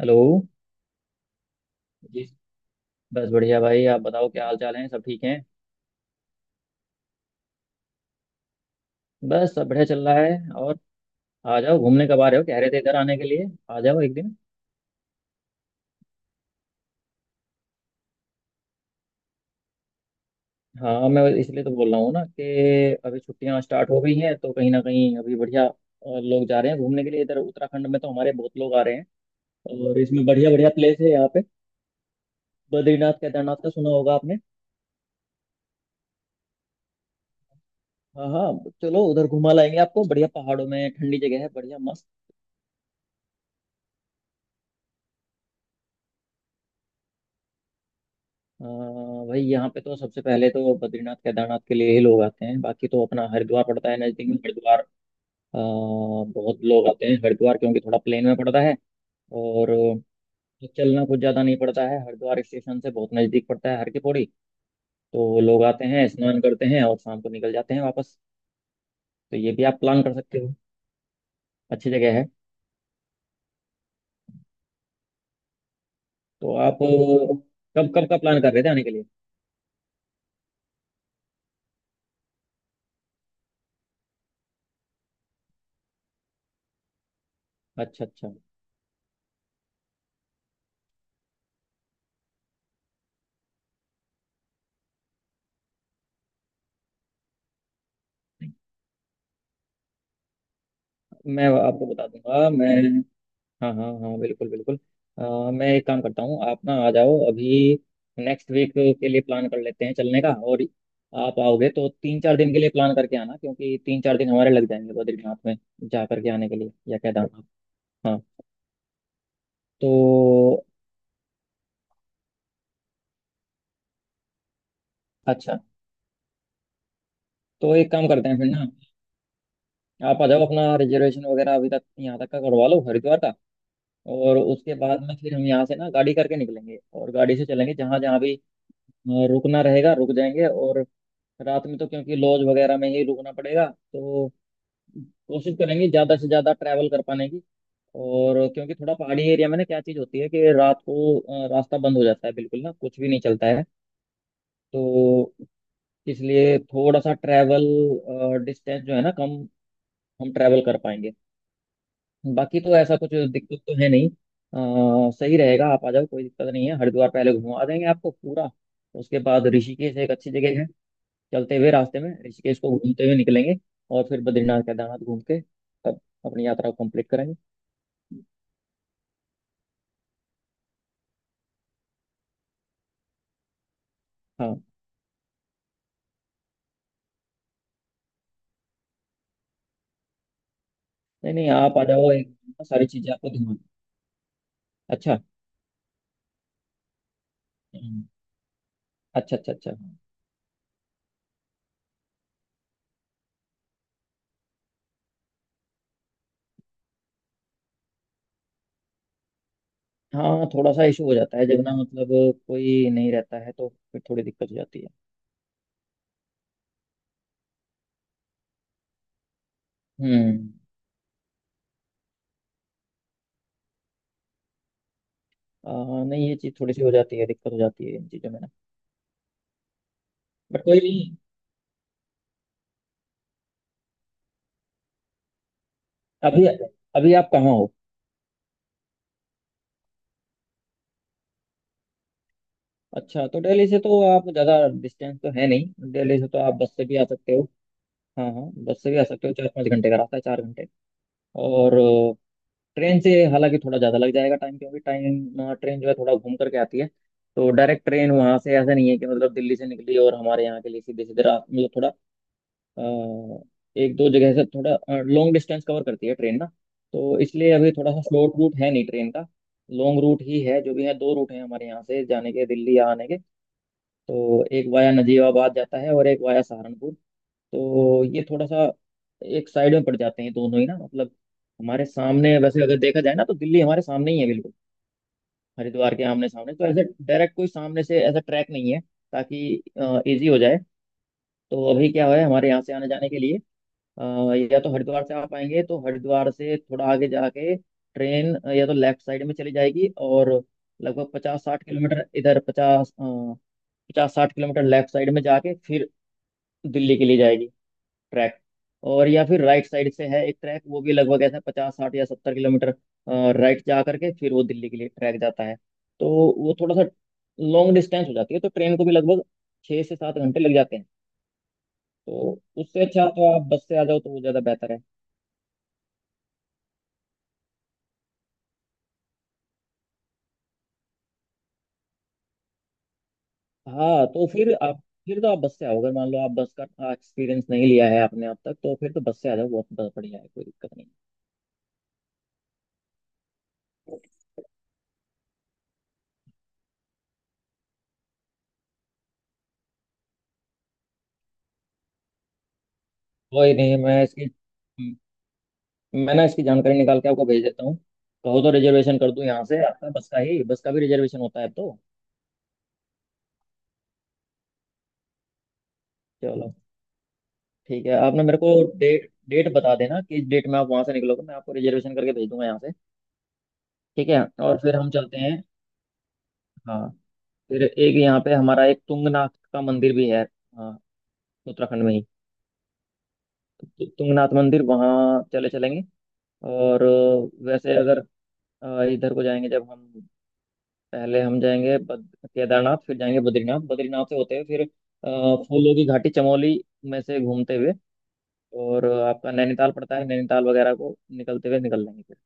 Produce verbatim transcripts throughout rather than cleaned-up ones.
Hello जी। बस बढ़िया भाई, आप बताओ क्या हाल चाल है, सब ठीक हैं। बस सब बढ़िया चल रहा है। और आ जाओ घूमने, कब आ रहे हो, कह रहे थे इधर आने के लिए। आ जाओ एक दिन। हाँ, मैं इसलिए तो बोल रहा हूँ ना कि अभी छुट्टियाँ स्टार्ट हो गई हैं, तो कहीं ना कहीं अभी बढ़िया अ, लोग जा रहे हैं घूमने के लिए। इधर उत्तराखंड में तो हमारे बहुत लोग आ रहे हैं, और इसमें बढ़िया बढ़िया प्लेस है यहाँ पे। बद्रीनाथ केदारनाथ का सुना होगा आपने। हाँ हाँ, चलो उधर घुमा लाएंगे आपको, बढ़िया पहाड़ों में ठंडी जगह है, बढ़िया मस्त। अ, भाई यहाँ पे तो सबसे पहले तो बद्रीनाथ केदारनाथ के लिए ही लोग आते हैं, बाकी तो अपना हरिद्वार पड़ता है नज़दीक में, हरिद्वार। अ, बहुत लोग आते हैं हरिद्वार, क्योंकि थोड़ा प्लेन में पड़ता है और चलना कुछ ज़्यादा नहीं पड़ता है। हरिद्वार स्टेशन से बहुत नज़दीक पड़ता है हर की पौड़ी। तो लोग आते हैं, स्नान करते हैं और शाम को निकल जाते हैं वापस। तो ये भी आप प्लान कर सकते हो, अच्छी जगह है। तो आप कब कब का प्लान कर रहे थे आने के लिए। अच्छा अच्छा, मैं आपको बता दूंगा मैं। हाँ हाँ हाँ, बिल्कुल बिल्कुल। अ, मैं एक काम करता हूँ, आप ना आ जाओ अभी। नेक्स्ट वीक के लिए प्लान कर लेते हैं चलने का। और आप आओगे तो तीन चार दिन के लिए प्लान करके आना, क्योंकि तीन चार दिन हमारे लग जाएंगे बद्रीनाथ में जा करके आने के लिए, या केदारनाथ। हाँ। तो अच्छा, तो एक काम करते हैं फिर ना, आप आ जाओ। अपना रिजर्वेशन वगैरह अभी तक, यहाँ तक का करवा लो हरिद्वार का। और उसके बाद में फिर हम यहाँ से ना गाड़ी करके निकलेंगे, और गाड़ी से चलेंगे जहाँ जहाँ भी अ, रुकना रहेगा, रुक जाएंगे। और रात में तो क्योंकि लॉज वगैरह में ही रुकना पड़ेगा, तो कोशिश करेंगे ज्यादा से ज्यादा ट्रैवल कर पाने की। और क्योंकि थोड़ा पहाड़ी एरिया में ना, क्या चीज होती है कि रात को अ, रास्ता बंद हो जाता है बिल्कुल, ना कुछ भी नहीं चलता है। तो इसलिए थोड़ा सा ट्रैवल डिस्टेंस जो है ना, कम हम ट्रैवल कर पाएंगे। बाकी तो ऐसा कुछ दिक्कत तो है नहीं। अ, सही रहेगा, आप आ जाओ, कोई दिक्कत नहीं है। हरिद्वार पहले घुमा देंगे आपको पूरा, उसके बाद ऋषिकेश एक अच्छी जगह है। चलते हुए रास्ते में ऋषिकेश को घूमते हुए निकलेंगे, और फिर बद्रीनाथ केदारनाथ घूम के तब अपनी यात्रा को कंप्लीट करेंगे। हाँ। नहीं नहीं, आप आ जाओ, एक सारी चीजें आपको घुमा। अच्छा। हम्म। अच्छा अच्छा अच्छा। हाँ, थोड़ा सा इशू हो जाता है जब ना, मतलब कोई नहीं रहता है तो फिर थोड़ी दिक्कत हो जाती है। हम्म। आ, नहीं, ये चीज थोड़ी सी हो जाती है, दिक्कत हो जाती है इन चीजों में ना। बट कोई नहीं। अभी अभी आप कहाँ हो। अच्छा, तो दिल्ली से तो आप ज्यादा डिस्टेंस तो है नहीं, दिल्ली से तो आप बस से भी आ सकते हो। हाँ हाँ, बस से भी आ सकते हो, चार पाँच घंटे का रास्ता है, चार घंटे। और अ, ट्रेन से हालांकि थोड़ा ज़्यादा लग जाएगा टाइम, क्योंकि टाइम ट्रेन जो है थोड़ा घूम करके आती है। तो डायरेक्ट ट्रेन वहाँ से ऐसा नहीं है कि मतलब दिल्ली से निकली और हमारे यहाँ के लिए सीधे सीधे, रात, मतलब थोड़ा अ, एक दो जगह से थोड़ा लॉन्ग डिस्टेंस कवर करती है ट्रेन ना। तो इसलिए अभी थोड़ा सा शॉर्ट रूट है नहीं ट्रेन का, लॉन्ग रूट ही है जो भी है। दो रूट हैं हमारे यहाँ से जाने के दिल्ली, या आने के। तो एक वाया नजीबाबाद जाता है और एक वाया सहारनपुर। तो ये थोड़ा सा एक साइड में पड़ जाते हैं दोनों ही ना, मतलब हमारे सामने वैसे अगर देखा जाए ना, तो दिल्ली हमारे सामने ही है बिल्कुल। हरिद्वार के आमने सामने तो ऐसे डायरेक्ट कोई सामने से ऐसा ट्रैक नहीं है, ताकि इजी हो जाए। तो अभी क्या है हमारे यहाँ से आने जाने के लिए, अ, या तो हरिद्वार से आप आएंगे तो हरिद्वार से थोड़ा आगे जाके ट्रेन या तो लेफ्ट साइड में चली जाएगी, और लगभग पचास साठ किलोमीटर इधर, पचास, पचास साठ किलोमीटर लेफ्ट साइड में जाके फिर दिल्ली के लिए जाएगी ट्रैक। और या फिर राइट साइड से है एक ट्रैक, वो भी लगभग ऐसा पचास साठ या सत्तर किलोमीटर राइट जा करके फिर वो दिल्ली के लिए ट्रैक जाता है। तो वो थोड़ा सा लॉन्ग डिस्टेंस हो जाती है। तो ट्रेन को भी लगभग छः से सात घंटे लग जाते हैं। तो उससे अच्छा तो आप बस से आ जाओ, तो वो ज़्यादा बेहतर है। हाँ तो फिर आप फिर तो आप बस से आओ, अगर मान लो आप बस का एक्सपीरियंस नहीं लिया है आपने अब तक, तो फिर तो बस से आ जाओ, बहुत बहुत बढ़िया है, कोई दिक्कत नहीं। कोई नहीं। मैं इसकी मैं ना इसकी जानकारी निकाल के आपको भेज देता हूँ। कहो तो रिजर्वेशन कर दूँ यहाँ से आपका, बस का ही, बस का भी रिजर्वेशन होता है अब तो। चलो ठीक है। आपने मेरे को डेट डेट बता देना किस डेट में आप वहाँ से निकलोगे, मैं आपको रिजर्वेशन करके भेज दूंगा यहाँ से। ठीक है, और फिर हम चलते हैं। हाँ, फिर एक यहाँ पे हमारा एक तुंगनाथ का मंदिर भी है, हाँ, उत्तराखंड में ही। तु- तुंगनाथ मंदिर वहाँ चले चलेंगे। और अ, वैसे अगर अ, इधर को जाएंगे जब हम, पहले हम जाएंगे बद, केदारनाथ, फिर जाएंगे बद्रीनाथ, बद्रीनाथ से होते हुए फिर अ, फूलों की घाटी चमोली में से घूमते हुए, और अ, आपका नैनीताल पड़ता है, नैनीताल वगैरह को निकलते हुए निकल लेंगे फिर।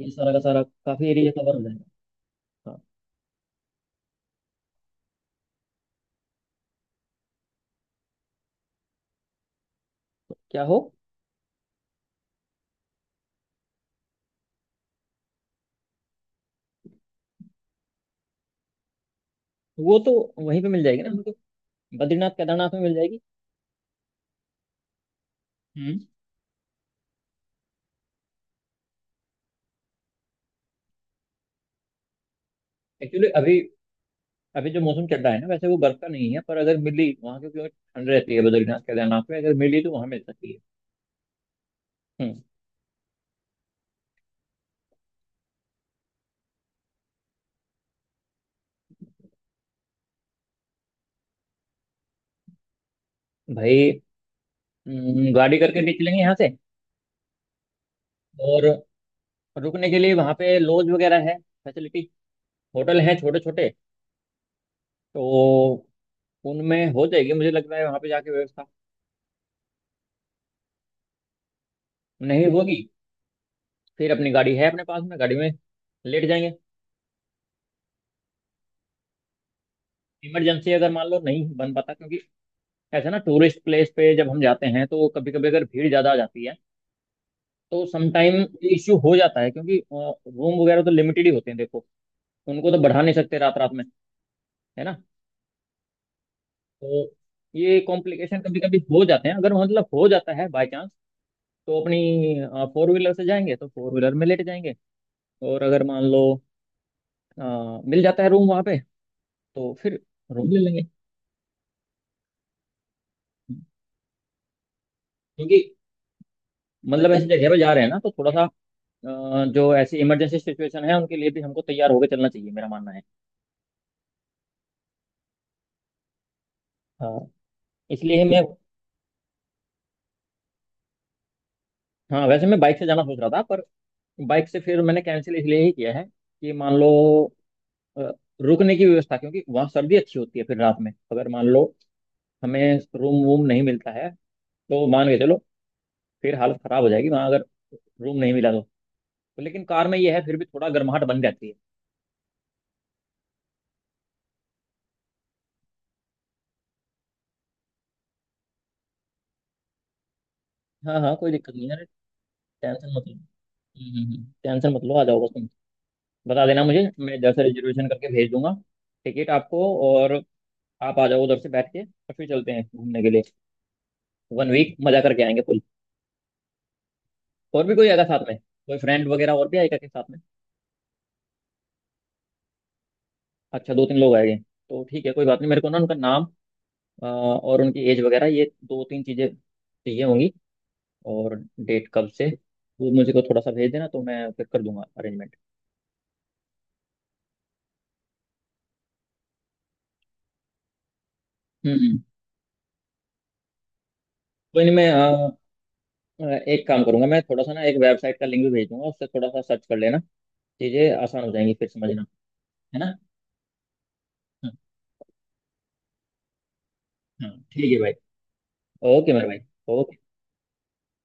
ये सारा का सारा काफी एरिया कवर हो जाएगा। हाँ तो क्या हो, वो तो वहीं पे मिल जाएगी ना हमको, बद्रीनाथ केदारनाथ में मिल जाएगी। हम्म। एक्चुअली अभी, अभी जो मौसम चल रहा है ना वैसे, वो बर्फ का नहीं है, पर अगर मिली वहाँ की, क्योंकि ठंड रहती है बद्रीनाथ केदारनाथ में, अगर मिली तो वहाँ मिल सकती है। हम्म। भाई, हम्म, गाड़ी करके निकलेंगे यहाँ से, और रुकने के लिए वहाँ पे लॉज वगैरह है फैसिलिटी, होटल है छोटे छोटे। तो उनमें हो जाएगी मुझे लग रहा है, वहाँ पे जाके व्यवस्था। नहीं होगी फिर अपनी गाड़ी है अपने पास में, गाड़ी में लेट जाएंगे। इमरजेंसी अगर मान लो नहीं बन पाता, क्योंकि ऐसा ना टूरिस्ट प्लेस पे जब हम जाते हैं तो कभी कभी अगर भीड़ ज़्यादा आ जाती है, तो समटाइम इश्यू हो जाता है। क्योंकि रूम वगैरह तो लिमिटेड ही होते हैं देखो, उनको तो बढ़ा नहीं सकते रात रात में, है ना। तो ये कॉम्प्लिकेशन कभी कभी हो जाते हैं, अगर मतलब हो जाता है बाय चांस, तो अपनी फोर व्हीलर से जाएंगे तो फोर व्हीलर में लेट जाएंगे। और अगर मान लो अ, मिल जाता है रूम वहाँ पे, तो फिर रूम ले लेंगे। क्योंकि मतलब ऐसी जगह पे जा रहे हैं ना, तो थोड़ा सा अ, जो ऐसी इमरजेंसी सिचुएशन है उनके लिए भी हमको तैयार होकर चलना चाहिए, मेरा मानना है। हाँ, इसलिए मैं, हाँ वैसे मैं बाइक से जाना सोच रहा था, पर बाइक से फिर मैंने कैंसिल इसलिए ही किया है कि मान लो अ, रुकने की व्यवस्था, क्योंकि वहाँ सर्दी अच्छी होती है, फिर रात में अगर मान लो हमें रूम वूम नहीं मिलता है, तो मान के चलो फिर हालत खराब हो जाएगी वहाँ, अगर रूम नहीं मिला तो। तो लेकिन कार में ये है फिर भी थोड़ा गर्माहट बन जाती है। हाँ हाँ, कोई दिक्कत नहीं है, अरे टेंशन मत लो। हम्म हम्म, हम्म, टेंशन मत लो, आ जाओ बस तुम। बता देना मुझे, मैं जैसे रिजर्वेशन करके भेज दूंगा टिकट आपको। और आप आ जाओ उधर से बैठ के, और फिर चलते हैं घूमने के लिए, वन वीक मजा करके आएंगे फुल। और भी कोई आएगा साथ में, कोई फ्रेंड वगैरह और भी आएगा के साथ में। अच्छा, दो तीन लोग आएंगे तो ठीक है, कोई बात नहीं, मेरे को ना उनका नाम, अ, और उनकी एज वगैरह, ये दो तीन चीजें चाहिए होंगी, और डेट कब से, वो मुझे को थोड़ा सा भेज देना, तो मैं फिर कर दूंगा अरेंजमेंट। हम्म। कोई नहीं, मैं अ, अ, एक काम करूंगा मैं, थोड़ा सा ना एक वेबसाइट का लिंक भी भेज दूंगा, उससे थोड़ा सा सर्च कर लेना, चीजें आसान हो जाएंगी फिर समझना, है ना। हाँ हाँ, ठीक है भाई, ओके मेरे भाई, ओके।